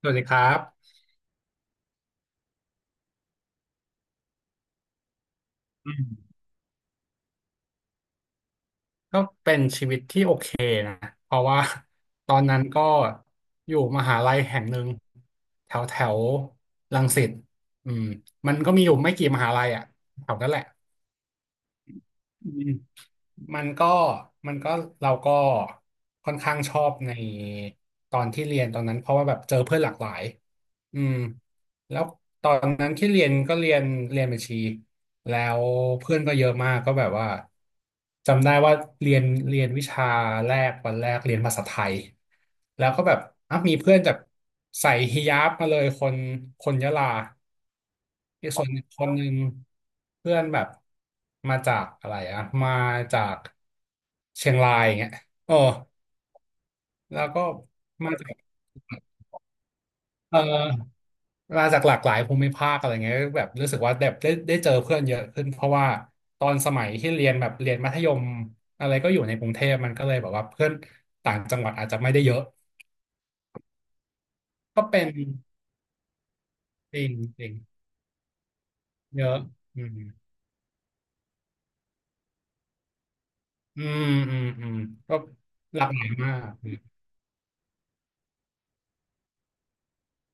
สวัสดีครับอืมก็เป็นชีวิตที่โอเคนะ เพราะว่า ตอนนั้นก็อยู่มหาลัยแห่งหนึ่งแถวแถวรังสิตอืมมันก็มีอยู่ไม่กี่มหาลัยอ่ะแถวนั้นแหละอืมมันก็มันก็เราก็ค่อนข้างชอบในตอนที่เรียนตอนนั้นเพราะว่าแบบเจอเพื่อนหลากหลายอืม แล้วตอนนั้นที่เรียนก็เรียนเรียนบัญชีแล้วเพื่อนก็เยอะมากก็แบบว่าจำได้ว่าเรียนเรียนวิชาแรกวันแรกเรียนภาษาไทยแล้วก็แบบอ่ะมีเพื่อนจากใส่ฮิญาบมาเลยคนคนยะลาอีกส่วนอีกคนหนึ่งเพื่อนแบบมาจากอะไรอะมาจากเชียงรายอย่างเงี้ยโอ้แล้วก็มาจากเออ มาจากหลากหลายภูมิภาคอะไรเงี้ยแบบรู้สึกว่าแบบได้เจอเพื่อนเยอะขึ้นเพราะว่าตอนสมัยที่เรียนแบบเรียนมัธยมอะไรก็อยู่ในกรุงเทพมันก็เลยแบบว่าเพื่อนต่างจังหวัดอาจจะไม่ได้เยอะก็เป็นจริงจริงเยอะอืมอืมอืมอืมก็หลากหลายมาก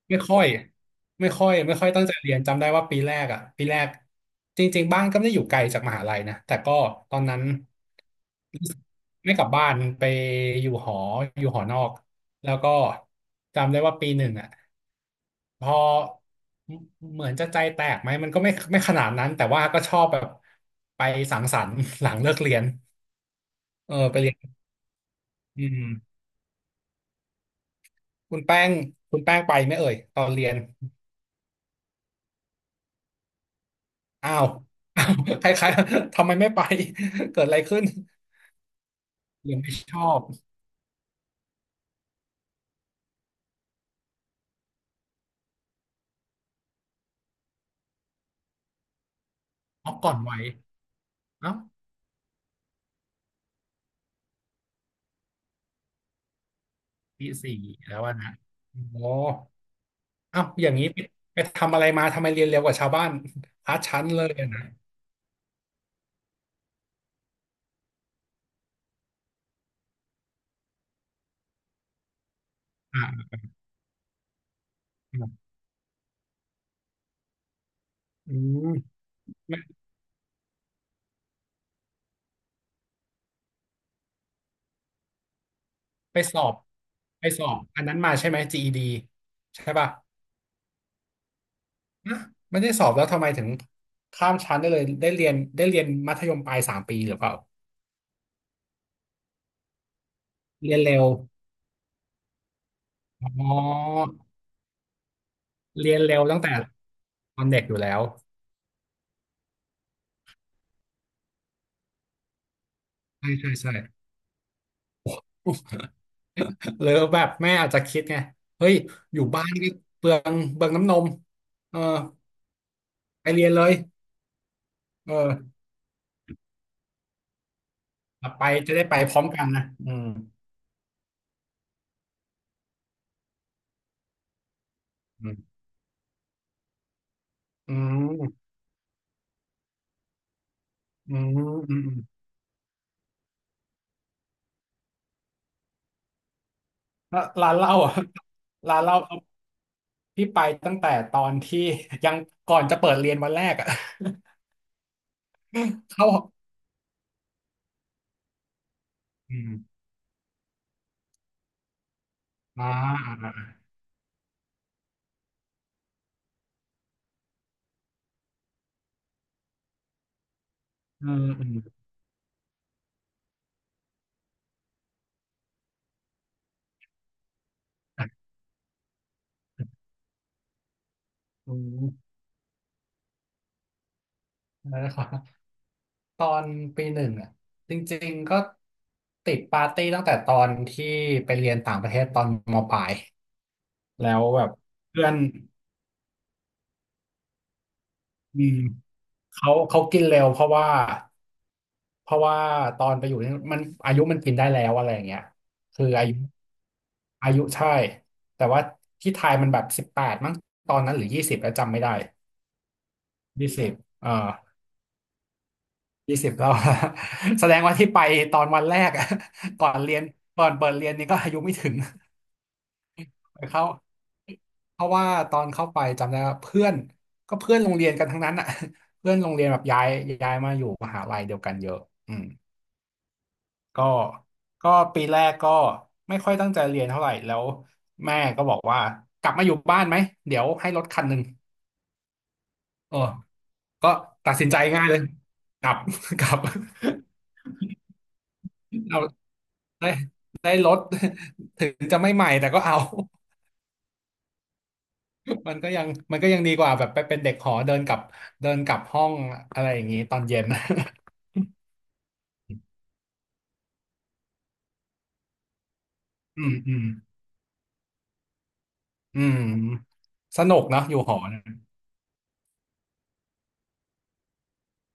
ไม่ค่อยไม่ค่อยตั้งใจเรียนจำได้ว่าปีแรกอ่ะปีแรกจริงๆบ้านก็ไม่ได้อยู่ไกลจากมหาลัยนะแต่ก็ตอนนั้นไม่กลับบ้านไปอยู่หออยู่หอนอกแล้วก็จำได้ว่าปีหนึ่งอ่ะพอเหมือนจะใจแตกไหมมันก็ไม่ขนาดนั้นแต่ว่าก็ชอบแบบไปสังสรรค์ หลังเลิกเรียนเออไปเรียนอืมคุณแป้งคุณแป้งไปไหมเอ่ยตอนเรียน อ้าว อ้าวคล้ายๆทำไมไม่ไป เกิดอะไรขึ้นหรือไม่ชอบอ๋อก่อนวัยเอ้าปีสี่แล้วอะนะโอ้เอ้าอย่างนี้ไปทำอะไรมาทำไมเรียนเร็วกว่าชาวบ้านพาชั้นเลยอะนะอ่าออืมไม่ไปสอบไปสอบอันนั้นมาใช่ไหม GED ใช่ป่ะนะไม่ได้สอบแล้วทำไมถึงข้ามชั้นได้เลยได้เรียนมัธยมปลายสามปีหรือเปล่าเรียนเร็วอ๋อเรียนเร็วตั้งแต่ ตอนเด็กอยู่แล้วใช่ใช่ใช่ หรือแบบแม่อาจจะคิดไงเฮ้ยอยู่บ้านก็เปลืองน้ำนมเออไปเรียนเลยเออไปจะได้ไปพร้อมกันนะอืมอืมอืมอืมอืมแล้วร้านเหล้าอ่ะ ร้านเหล้าที่ไปตั้งแต่ตอนที่ยังก่อนจะเปิดเรียนวันแรกอ่ะ เข้าอืมอ่าอ่าอ่าอืมอืมอืมแล้วก็ ตอนปีหนึ่งอ่ะจริงๆก็ติดปาร์ตี้ตั้งแต่ตอนที่ไปเรียนต่างประเทศตอนมปลายแล้วแบบเพื่อนอืมเขากินเร็วเพราะว่าเพราะว่าตอนไปอยู่นี่มันอายุมันกินได้แล้วอะไรอย่างเงี้ยคืออายุอายุใช่แต่ว่าที่ไทยมันแบบสิบแปดมั้งตอนนั้นหรือยี่สิบแล้วจำไม่ได้ยี่สิบเอ่อยี่สิบแล้ว แสดงว่าที่ไปตอนวันแรกอะ ก่อนเรียนก่อนเปิดเรียนนี่ก็อายุไม่ถึง เขาเพราะว่าตอนเข้าไปจำได้ว่าเพื่อนก็เพื่อนโรงเรียนกันทั้งนั้นอ่ะ เพื่อนโรงเรียนแบบย้ายมาอยู่มหาลัยเดียวกันเยอะอืมก็ก็ปีแรกก็ไม่ค่อยตั้งใจเรียนเท่าไหร่แล้วแม่ก็บอกว่ากลับมาอยู่บ้านไหมเดี๋ยวให้รถคันหนึ่งเออก็ตัดสินใจง่ายเลยกลับ กลับ เอาได้ได้รถ ถึงจะไม่ใหม่แต่ก็เอา มันก็ยังมันก็ยังดีกว่าแบบไปเป็นเด็กหอเดินกลับห้องอะไรอย่างนี้ตอนเย็น อืมอืมอืมสนุกเนอะอยู่หอเนย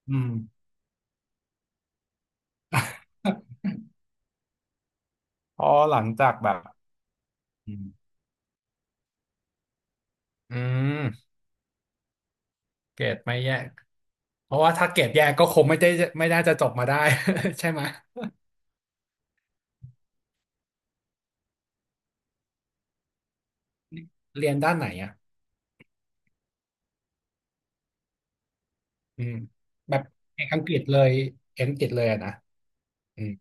อืม พอหลังจากแบบอืมอืมเกรดไม่แยกเพราะว่าถ้าเกรดแยกก็คงไม่ได้ไม่น่าจะจบมาได้ ใช่ไหมเรียนด้านไหนอ่ะอืมแบบเอกอังกฤษเลยเอกอังกฤษเลยอะนะอืม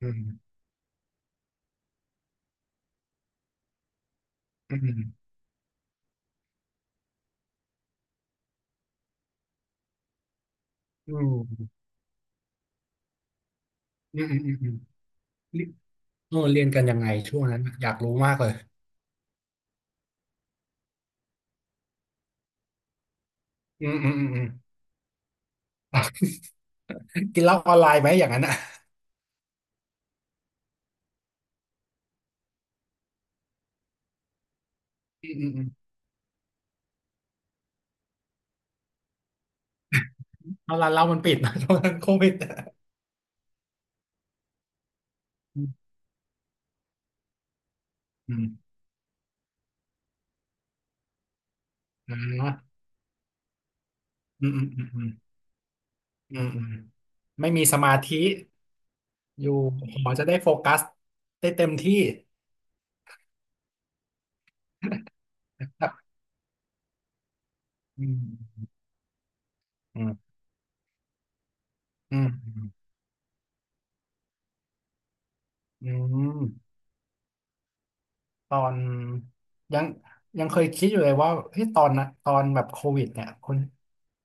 อืมอืมอืมอืมอืมอืมอืมเรียนเออเรียนกันยังไงช่วงนั้นอยากรู้มากเลย อืมอืมอืมอืม กินเหล้าออนไลน์ไหมอย่างนั้นอ่ะอืมอืมอืมเอาร้านเหล้ามันปิดนะตอนนั้นโควิดอะอืมอืมอ่าอืมอืมอืมอืมอืมอืมไม่มีสมาธิอยู่หมอจะได้โฟกัสได้เต็มที่ครับอืมอืมอืมอืมอืมตอนยังยังเคยคิดอยู่เลยว่าเฮ้ยตอนนะตอนแบบโควิดเนี่ยคน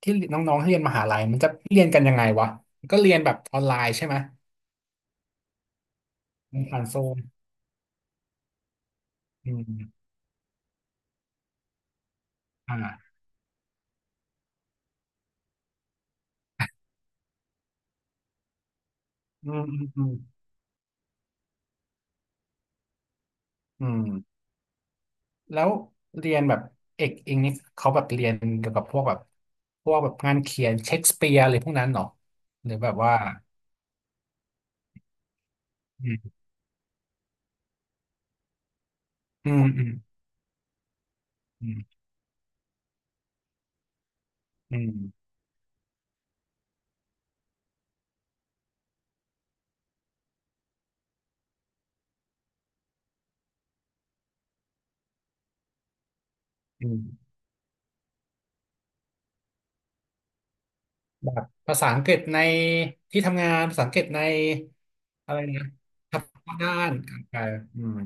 ที่น้องๆที่เรียนมหาลัยมันจะเรียนกันยังไงวะก็เรียนแบบออนไลน์ใช่ไหมผ่านโซมอืม อ่าอืมอืมอืมอืมแล้วเรียนแบบเอกอิงนี่เขาแบบเรียนเกี่ยวกับพวกแบบพวกแบบงานเขียนเชคสเปียร์อะไรพวกนั้นเหรอหรือแบบว่าอืมอืมอืมอืมอืมอืมแบบภาษาอังกฤษในที่ทำงานภาษาอังกฤษในอะไรนะทับด้านอ่าอืม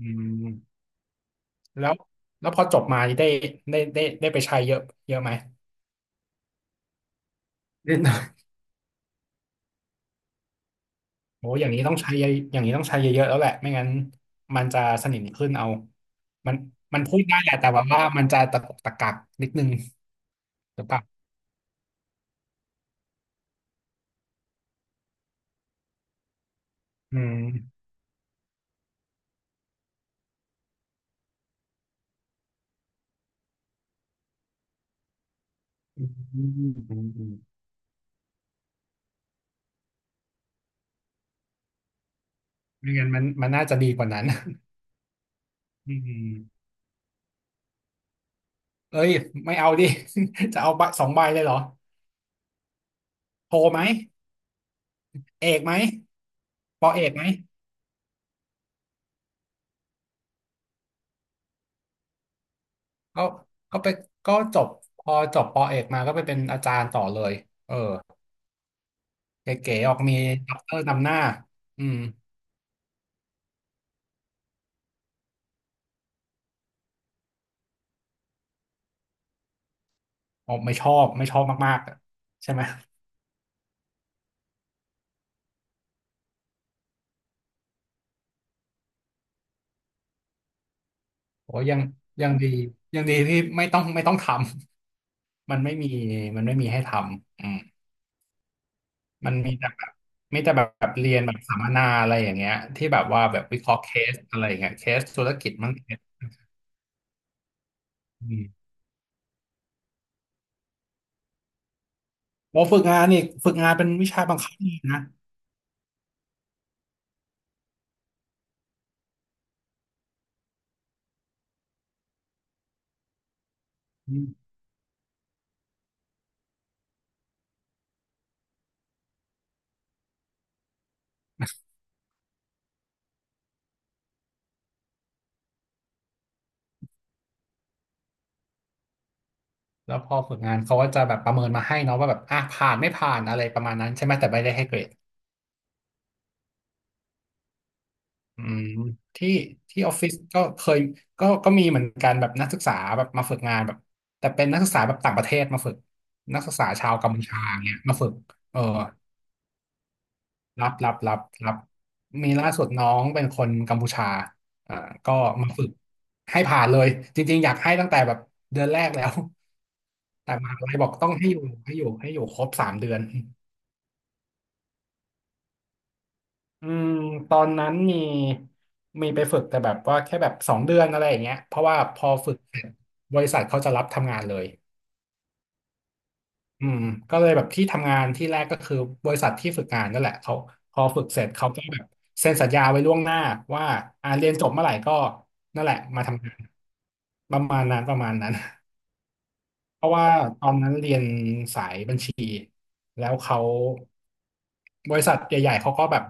อืมแล้วแล้วพอจบมาได้ได้ไปใช้เยอะเยอะไหมนิดหน่อย โอ้อย่างนี้ต้องใช้เยอะอย่างนี้ต้องใช้เยอะๆแล้วแหละ ไม่งั้นมันจะสนิมขึ้นเอามันมันพูดได้แหละแต่ว่าว่ามันจะตะกุกตะกักนิดนึงหรือเปล่าอืมอืมอืมอืมไม่งั้นมันมันน่าจะดีกว่านั้นอืมเอ้ยไม่เอาดิ จะเอาใบสองใบเลยเหรอโทไหมเอกไหมปอเอกไหมก็ก็ไปก็จบพอจบปอเอกมาก็ไปเป็นอาจารย์ต่อเลย เออเก๋ๆออกมีด็อกเตอร์นำหน้าอืม อ๋อไม่ชอบไม่ชอบมากๆอะใช่ไหมโอ้ยังยังดียังดีที่ไม่ต้องไม่ต้องทำ มันไม่มีมันไม่มีให้ทำอืมมันมีแต่แบบมีแต่แบบแบบเรียนแบบสัมมนาอะไรอย่างเงี้ยที่แบบว่าแบบวิเคราะห์เคสอะไรอย่างเงี้ยเคสธุรกิจมั้งเคสอืมโอฝึกงานนี่ฝึกงานเป็นวิชาบังคับนี่นะอืมแล้วพอฝึกงานเขาก็จะแบบประเมินมาให้เนาะว่าแบบอ่ะผ่านไม่ผ่านอะไรประมาณนั้นใช่ไหมแต่ไม่ได้ให้เกรด อืมที่ที่ออฟฟิศก็เคยก็มีเหมือนกันแบบนักศึกษาแบบมาฝึกงานแบบแต่เป็นนักศึกษาแบบต่างประเทศมาฝึกนักศึกษาชาวกัมพูชาเงี้ยมาฝึกเออรับรับมีล่าสุดน้องเป็นคนกัมพูชาอ่าก็มาฝึกให้ผ่านเลยจริงๆอยากให้ตั้งแต่แบบเดือนแรกแล้วแต่มหาอะไรบอกต้องให้อยู่ให้อยู่ให้อยู่ครบ3 เดือน อืมตอนนั้นมีมีไปฝึกแต่แบบว่าแค่แบบ2 เดือนอะไรอย่างเงี้ยเพราะว่าพอฝึกเสร็จบริษัทเขาจะรับทำงานเลยอืมก็เลยแบบที่ทำงานที่แรกก็คือบริษัทที่ฝึกงานนั่นแหละเขาพอฝึกเสร็จเขาก็แบบเซ็นสัญญาไว้ล่วงหน้าว่าอ่าเรียนจบเมื่อไหร่ก็นั่นแหละมาทำงานประมาณนั้นประมาณนั้น เพราะว่าตอนนั้นเรียนสายบัญชีแล้วเขาบริษัทใหญ่ๆเขาก็แบบ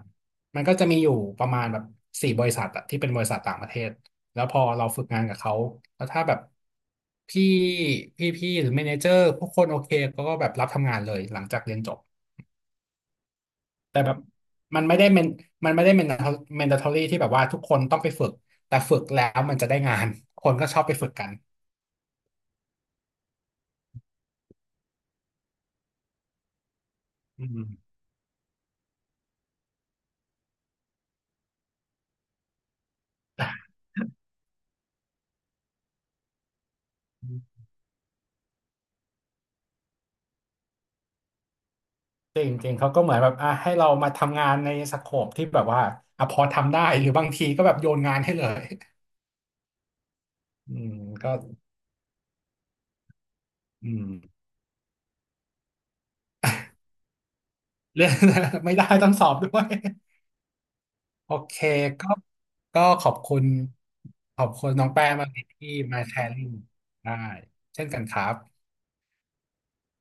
มันก็จะมีอยู่ประมาณแบบ4 บริษัทอะที่เป็นบริษัทต่างประเทศแล้วพอเราฝึกงานกับเขาแล้วถ้าแบบพี่พี่หรือเมเนเจอร์พวกคนโอเคเขาก็แบบรับทำงานเลยหลังจากเรียนจบแต่แบบมันไม่ได้เมนมันไม่ได้เมนเมนดาทอรี่ที่แบบว่าทุกคนต้องไปฝึกแต่ฝึกแล้วมันจะได้งานคนก็ชอบไปฝึกกันอืม จริงจริงเขาก็เหมือนแบบอ่ะให้เรามาทำงานในสโคปที่แบบว่าอ่ะพอทำได้หรือบางทีก็แบบโยนงานให้เลยอืมก็อืมเรื่อง ไม่ได้ต้องสอบด้วยโอเคก็ก็ขอบคุณขอบคุณน้องแป้งมากที่มาแชร์ลิงได้เช่นกันครับ